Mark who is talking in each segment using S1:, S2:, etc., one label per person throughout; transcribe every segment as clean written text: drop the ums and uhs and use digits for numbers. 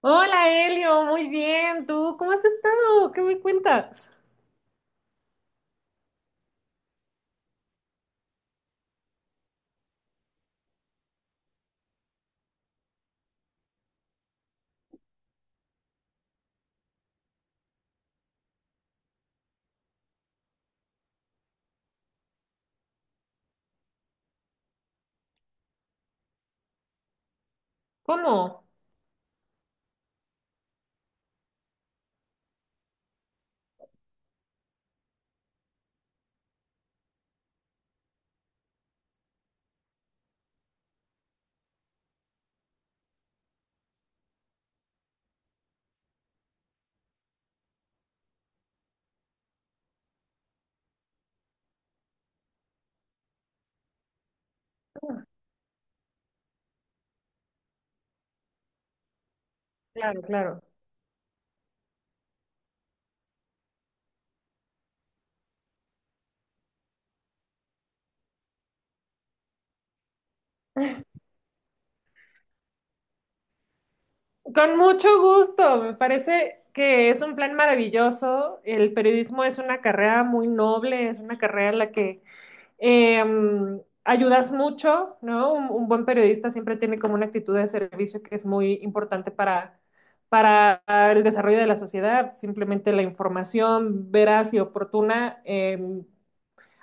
S1: Hola Elio, muy bien. ¿Tú cómo has estado? ¿Qué me cuentas? ¿Cómo? Claro, claro. Con mucho gusto. Me parece que es un plan maravilloso. El periodismo es una carrera muy noble, es una carrera en la que ayudas mucho, ¿no? Un buen periodista siempre tiene como una actitud de servicio que es muy importante para el desarrollo de la sociedad. Simplemente la información veraz y oportuna.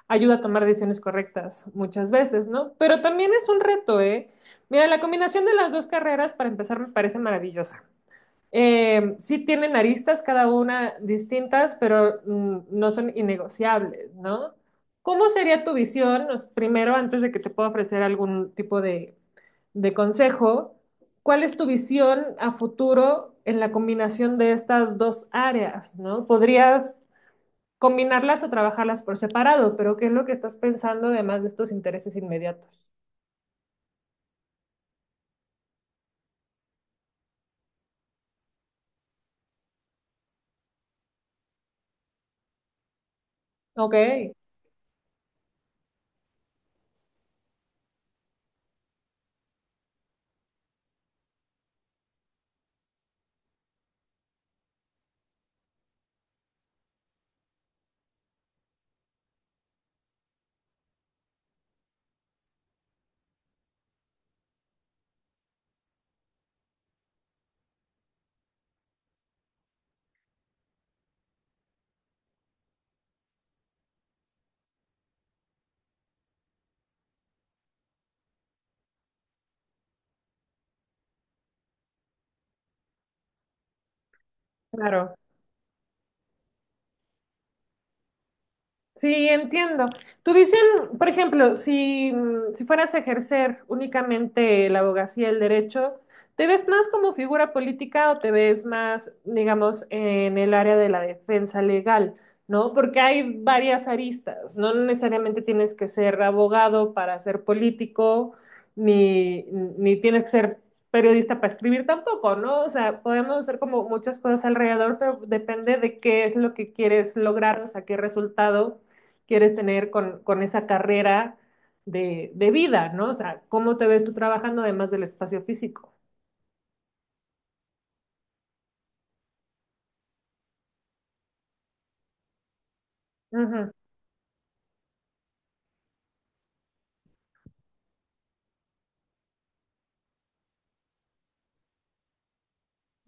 S1: Ayuda a tomar decisiones correctas muchas veces, ¿no? Pero también es un reto, ¿eh? Mira, la combinación de las dos carreras, para empezar, me parece maravillosa. Sí tienen aristas cada una distintas, pero no son innegociables, ¿no? ¿Cómo sería tu visión? Pues, primero, antes de que te pueda ofrecer algún tipo de consejo, ¿cuál es tu visión a futuro en la combinación de estas dos áreas? ¿No? ¿Podrías combinarlas o trabajarlas por separado? Pero ¿qué es lo que estás pensando además de estos intereses inmediatos? Ok, claro. Sí, entiendo. Tuviesen, por ejemplo, si, si fueras a ejercer únicamente la abogacía, el derecho, ¿te ves más como figura política o te ves más, digamos, en el área de la defensa legal? ¿No? Porque hay varias aristas, no necesariamente tienes que ser abogado para ser político, ni, ni tienes que ser periodista para escribir tampoco, ¿no? O sea, podemos hacer como muchas cosas alrededor, pero depende de qué es lo que quieres lograr, o sea, qué resultado quieres tener con esa carrera de, vida, ¿no? O sea, ¿cómo te ves tú trabajando además del espacio físico? Ujú,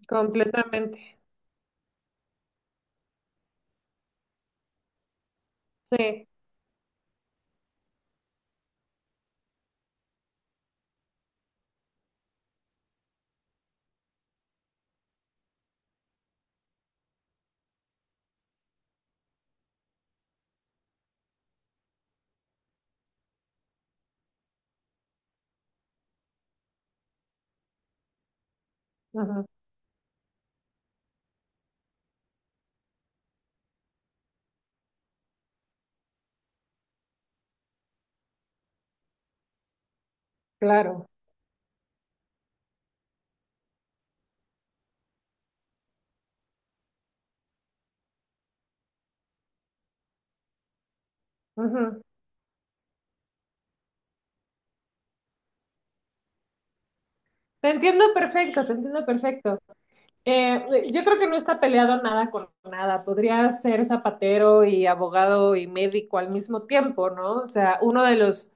S1: completamente. Sí, ujú, claro. Ujú. Te entiendo perfecto, te entiendo perfecto. Yo creo que no está peleado nada con nada. Podría ser zapatero y abogado y médico al mismo tiempo, ¿no? O sea, uno de los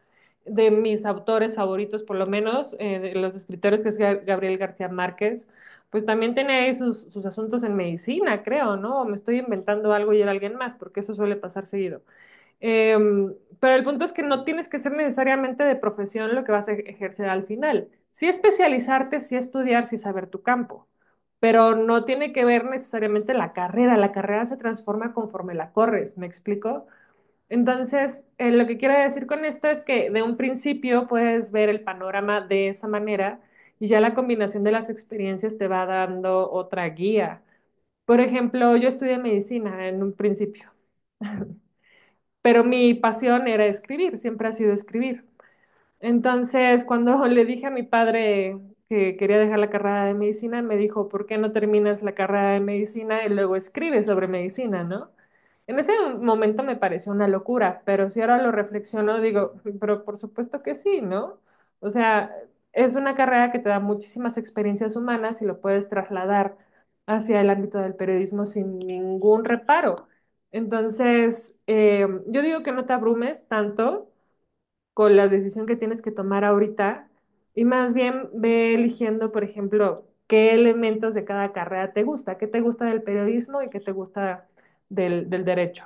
S1: de mis autores favoritos, por lo menos, de los escritores, que es Gabriel García Márquez, pues también tiene ahí sus, sus asuntos en medicina, creo, ¿no? O me estoy inventando algo y era alguien más, porque eso suele pasar seguido. Eh, pero el punto es que no tienes que ser necesariamente de profesión lo que vas a ejercer al final. Sí especializarte, sí estudiar, sí saber tu campo, pero no tiene que ver necesariamente la carrera. La carrera se transforma conforme la corres, ¿me explico? Entonces, lo que quiero decir con esto es que de un principio puedes ver el panorama de esa manera y ya la combinación de las experiencias te va dando otra guía. Por ejemplo, yo estudié medicina en un principio. Pero mi pasión era escribir, siempre ha sido escribir. Entonces, cuando le dije a mi padre que quería dejar la carrera de medicina, me dijo, ¿por qué no terminas la carrera de medicina y luego escribes sobre medicina? ¿No? En ese momento me pareció una locura, pero si ahora lo reflexiono, digo, "Mm, pero por supuesto que sí, ¿no? O sea, es una carrera que te da muchísimas experiencias humanas y lo puedes trasladar hacia el ámbito del periodismo sin ningún reparo." Entonces, yo digo que no te abrumes tanto con la decisión que tienes que tomar ahorita y más bien ve eligiendo, por ejemplo, qué elementos de cada carrera te gusta, qué te gusta del periodismo y qué te gusta del, del derecho.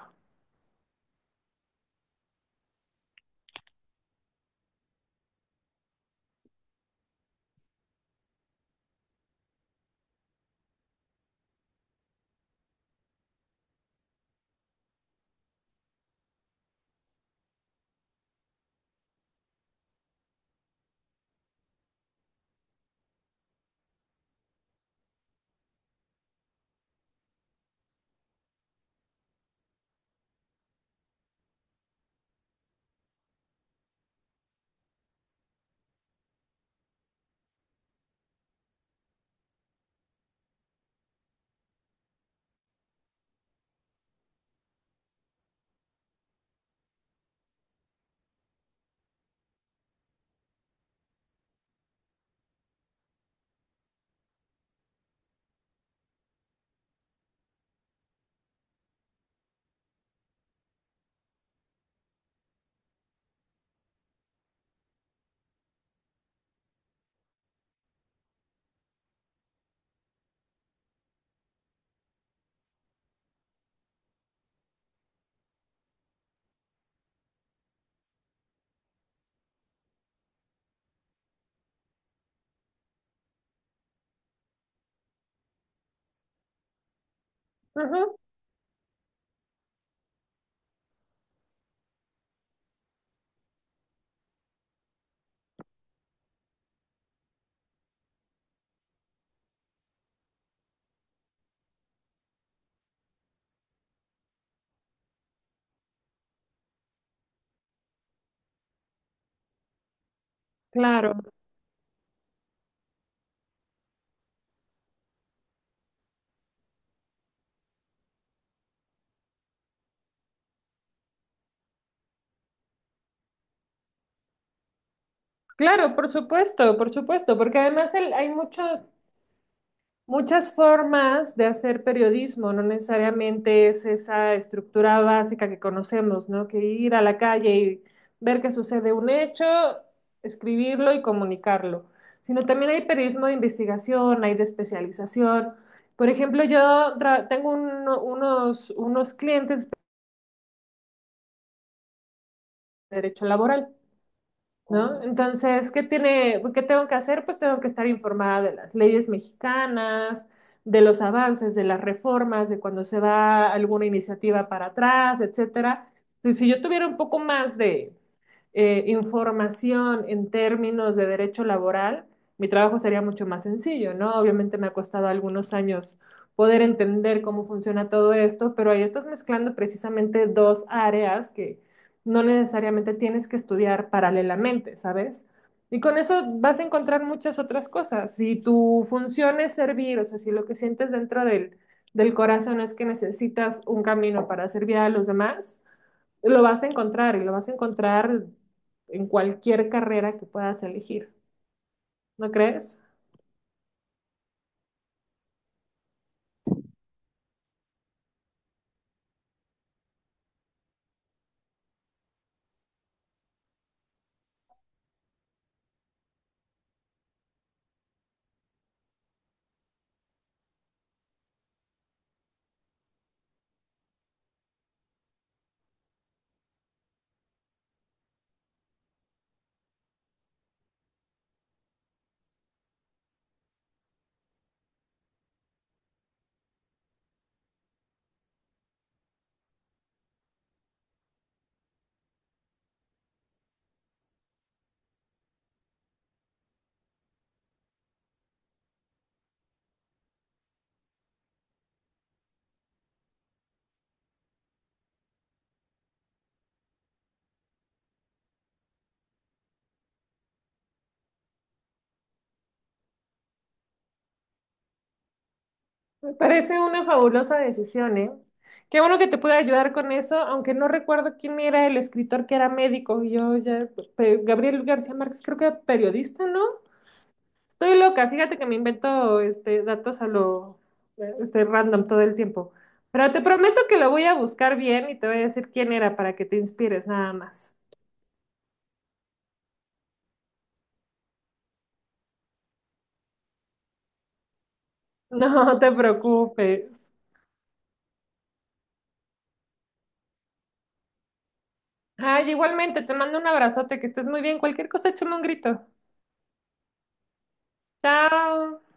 S1: Ujú, claro, claro, por supuesto, porque además hay muchos muchas formas de hacer periodismo, no necesariamente es esa estructura básica que conocemos, ¿no? Que ir a la calle y ver que sucede un hecho, escribirlo y comunicarlo, sino también hay periodismo de investigación, hay de especialización. Por ejemplo, yo tengo unos, unos clientes de derecho laboral. ¿No? Entonces, ¿qué tiene, qué tengo que hacer? Pues tengo que estar informada de las leyes mexicanas, de los avances, de las reformas, de cuando se va alguna iniciativa para atrás, etcétera. Entonces, si yo tuviera un poco más de información en términos de derecho laboral, mi trabajo sería mucho más sencillo, ¿no? Obviamente me ha costado algunos años poder entender cómo funciona todo esto, pero ahí estás mezclando precisamente dos áreas que no necesariamente tienes que estudiar paralelamente, ¿sabes? Y con eso vas a encontrar muchas otras cosas. Si tu función es servir, o sea, si lo que sientes dentro del, del corazón es que necesitas un camino para servir a los demás, lo vas a encontrar y lo vas a encontrar en cualquier carrera que puedas elegir, ¿no crees? Me parece una fabulosa decisión, ¿eh? Qué bueno que te pude ayudar con eso, aunque no recuerdo quién era el escritor que era médico. Yo ya, pe- Gabriel García Márquez, creo que era periodista, ¿no? Estoy loca, fíjate que me invento este, datos a lo este, random todo el tiempo. Pero te prometo que lo voy a buscar bien y te voy a decir quién era para que te inspires, nada más. No te preocupes. Ay, igualmente, te mando un abrazote, que estés muy bien. Cualquier cosa, échame un grito. Chao.